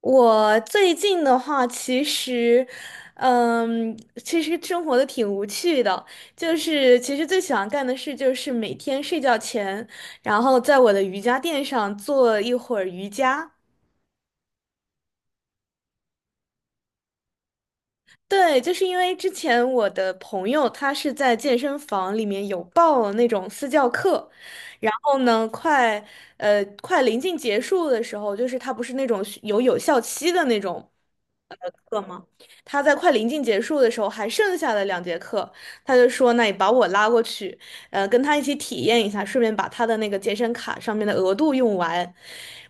我最近的话，嗯，其实生活的挺无趣的，就是其实最喜欢干的事就是每天睡觉前，然后在我的瑜伽垫上做一会儿瑜伽。对，就是因为之前我的朋友他是在健身房里面有报了那种私教课，然后呢，快临近结束的时候，就是他不是那种有有效期的那种。课吗？他在快临近结束的时候还剩下了2节课，他就说：“那你把我拉过去，跟他一起体验一下，顺便把他的那个健身卡上面的额度用完。”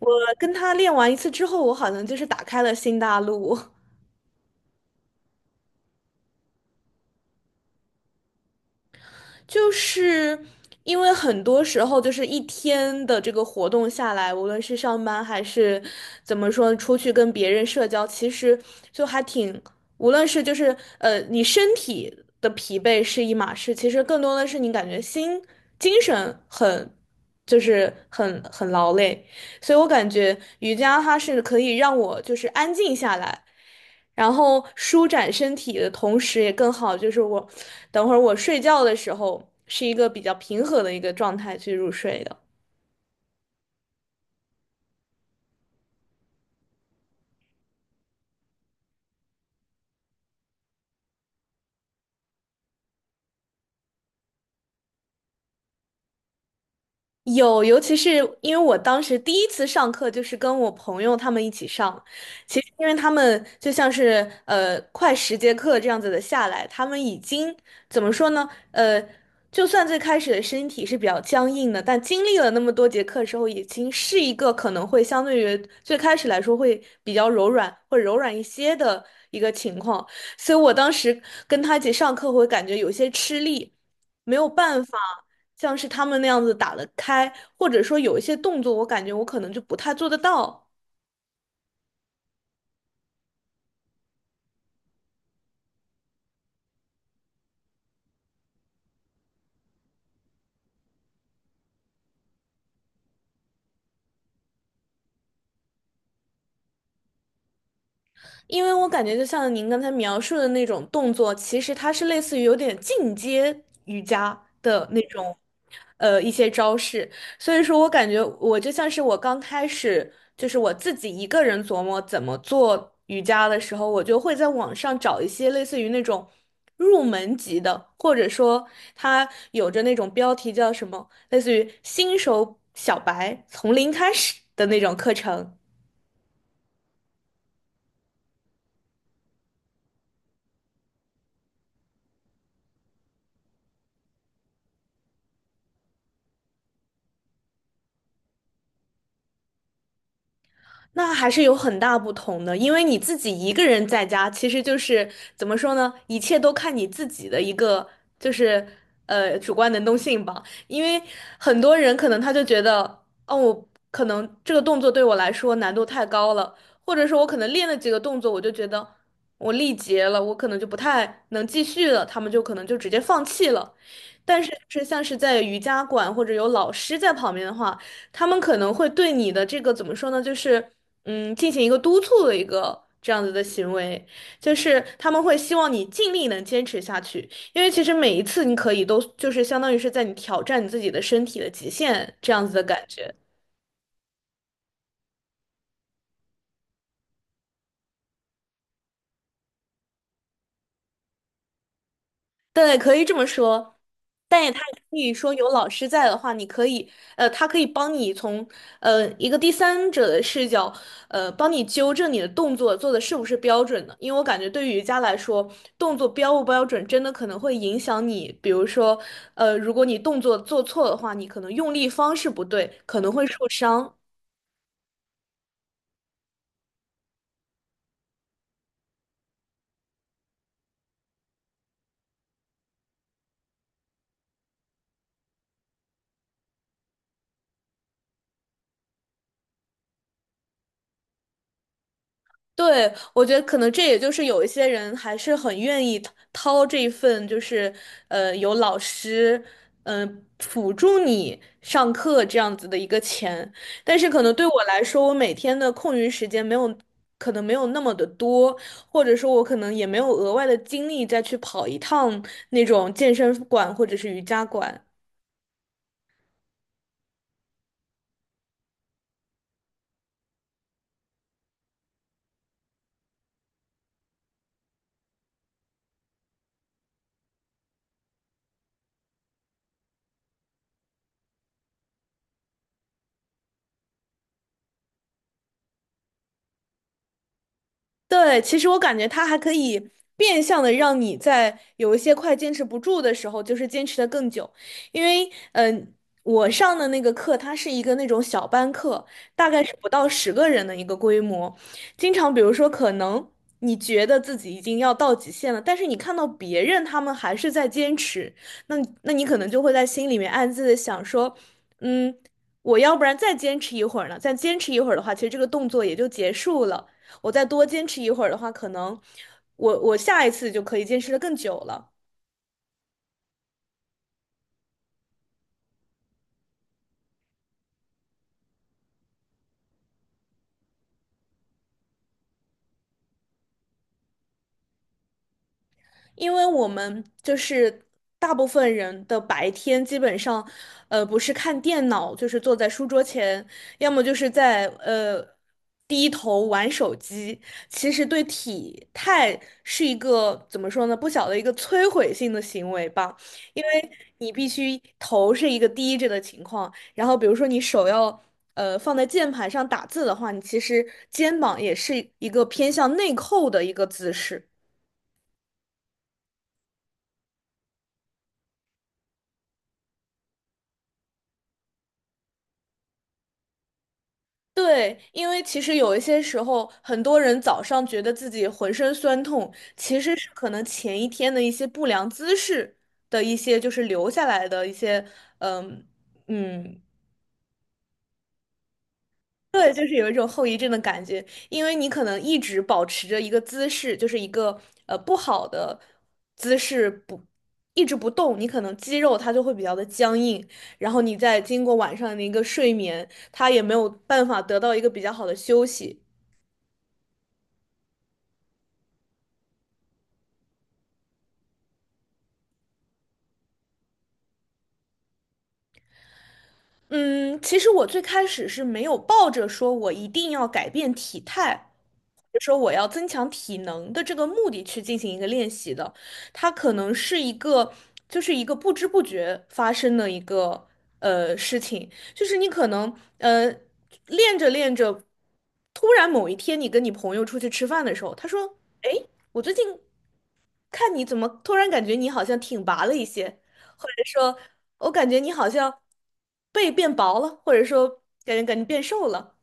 我跟他练完一次之后，我好像就是打开了新大陆。就是因为很多时候，就是一天的这个活动下来，无论是上班还是怎么说，出去跟别人社交，其实就还挺，无论是就是你身体的疲惫是一码事，其实更多的是你感觉心精神很，就是很劳累。所以我感觉瑜伽它是可以让我就是安静下来，然后舒展身体的同时也更好，就是我等会儿我睡觉的时候是一个比较平和的一个状态去入睡的。有，尤其是因为我当时第一次上课就是跟我朋友他们一起上，其实因为他们就像是快10节课这样子的下来，他们已经怎么说呢？就算最开始的身体是比较僵硬的，但经历了那么多节课之后，已经是一个可能会相对于最开始来说会比较柔软，会柔软一些的一个情况。所以我当时跟他一起上课会感觉有些吃力。没有办法像是他们那样子打得开，或者说有一些动作，我感觉我可能就不太做得到。因为我感觉就像您刚才描述的那种动作，其实它是类似于有点进阶瑜伽的那种，一些招式。所以说我感觉我就像是我刚开始，就是我自己一个人琢磨怎么做瑜伽的时候，我就会在网上找一些类似于那种入门级的，或者说它有着那种标题叫什么，类似于新手小白从零开始的那种课程。那还是有很大不同的，因为你自己一个人在家，其实就是怎么说呢？一切都看你自己的一个，就是主观能动性吧。因为很多人可能他就觉得，哦，我可能这个动作对我来说难度太高了，或者说我可能练了几个动作，我就觉得我力竭了，我可能就不太能继续了，他们就可能就直接放弃了。但是就是像是在瑜伽馆或者有老师在旁边的话。他们可能会对你的这个怎么说呢，就是进行一个督促的一个这样子的行为，就是他们会希望你尽力能坚持下去，因为其实每一次你可以都就是相当于是在你挑战你自己的身体的极限这样子的感觉。对，可以这么说，但也他也可以说有老师在的话，你可以，他可以帮你从一个第三者的视角，帮你纠正你的动作做的是不是标准的。因为我感觉对于瑜伽来说，动作标不标准真的可能会影响你，比如说，如果你动作做错的话，你可能用力方式不对，可能会受伤。对，我觉得可能这也就是有一些人还是很愿意掏这一份，就是有老师辅助你上课这样子的一个钱，但是可能对我来说，我每天的空余时间没有可能没有那么的多，或者说我可能也没有额外的精力再去跑一趟那种健身馆或者是瑜伽馆。对，其实我感觉它还可以变相的让你在有一些快坚持不住的时候，就是坚持的更久。因为，我上的那个课，它是一个那种小班课，大概是不到10个人的一个规模。经常，比如说，可能你觉得自己已经要到极限了，但是你看到别人他们还是在坚持，那那你可能就会在心里面暗自的想说，嗯。我要不然再坚持一会儿呢？再坚持一会儿的话，其实这个动作也就结束了。我再多坚持一会儿的话，可能我下一次就可以坚持的更久了。因为我们就是大部分人的白天基本上，不是看电脑，就是坐在书桌前，要么就是在低头玩手机。其实对体态是一个怎么说呢，不小的一个摧毁性的行为吧，因为你必须头是一个低着的情况，然后比如说你手要。放在键盘上打字的话，你其实肩膀也是一个偏向内扣的一个姿势。对，因为其实有一些时候，很多人早上觉得自己浑身酸痛，其实是可能前一天的一些不良姿势的一些，就是留下来的一些，嗯嗯，对，就是有一种后遗症的感觉，因为你可能一直保持着一个姿势，就是一个不好的姿势不。一直不动，你可能肌肉它就会比较的僵硬，然后你再经过晚上的一个睡眠，它也没有办法得到一个比较好的休息，嗯，其实我最开始是没有抱着说我一定要改变体态，或者说我要增强体能的这个目的去进行一个练习的，它可能是一个，就是一个不知不觉发生的一个事情，就是你可能练着练着，突然某一天你跟你朋友出去吃饭的时候，他说，哎，我最近看你怎么突然感觉你好像挺拔了一些。或者说。我感觉你好像背变薄了，或者说感觉变瘦了。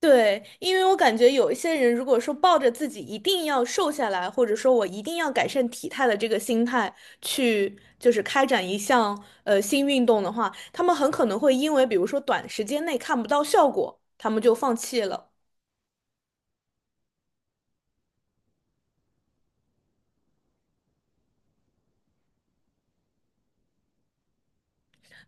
对，因为我感觉有一些人，如果说抱着自己一定要瘦下来，或者说我一定要改善体态的这个心态去，就是开展一项新运动的话，他们很可能会因为比如说短时间内看不到效果，他们就放弃了。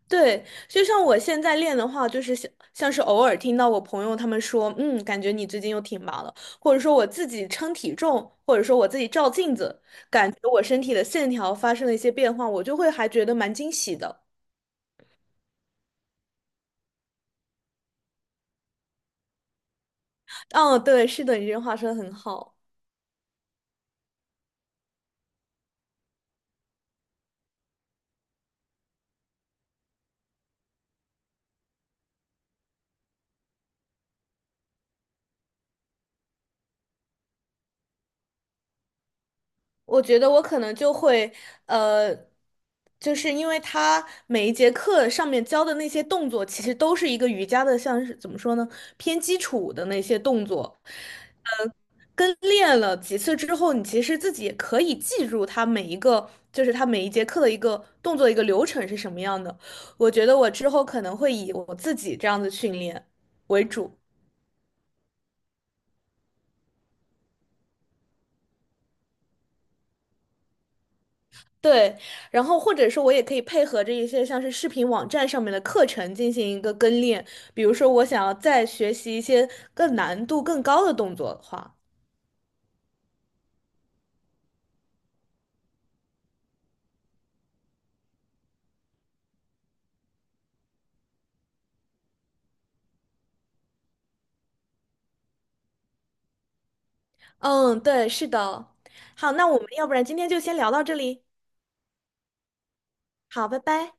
对，就像我现在练的话，就是像是偶尔听到我朋友他们说，嗯，感觉你最近又挺忙了，或者说我自己称体重，或者说我自己照镜子，感觉我身体的线条发生了一些变化，我就会还觉得蛮惊喜的。嗯，对，是的，你这句话说的很好。我觉得我可能就会，呃，就是因为他每一节课上面教的那些动作，其实都是一个瑜伽的，像是怎么说呢，偏基础的那些动作，呃，跟练了几次之后，你其实自己也可以记住他每一个，就是他每一节课的一个动作一个流程是什么样的。我觉得我之后可能会以我自己这样的训练为主。对，然后或者说我也可以配合着一些像是视频网站上面的课程进行一个跟练，比如说我想要再学习一些更难度更高的动作的话，嗯，对，是的。好，那我们要不然今天就先聊到这里。好，拜拜。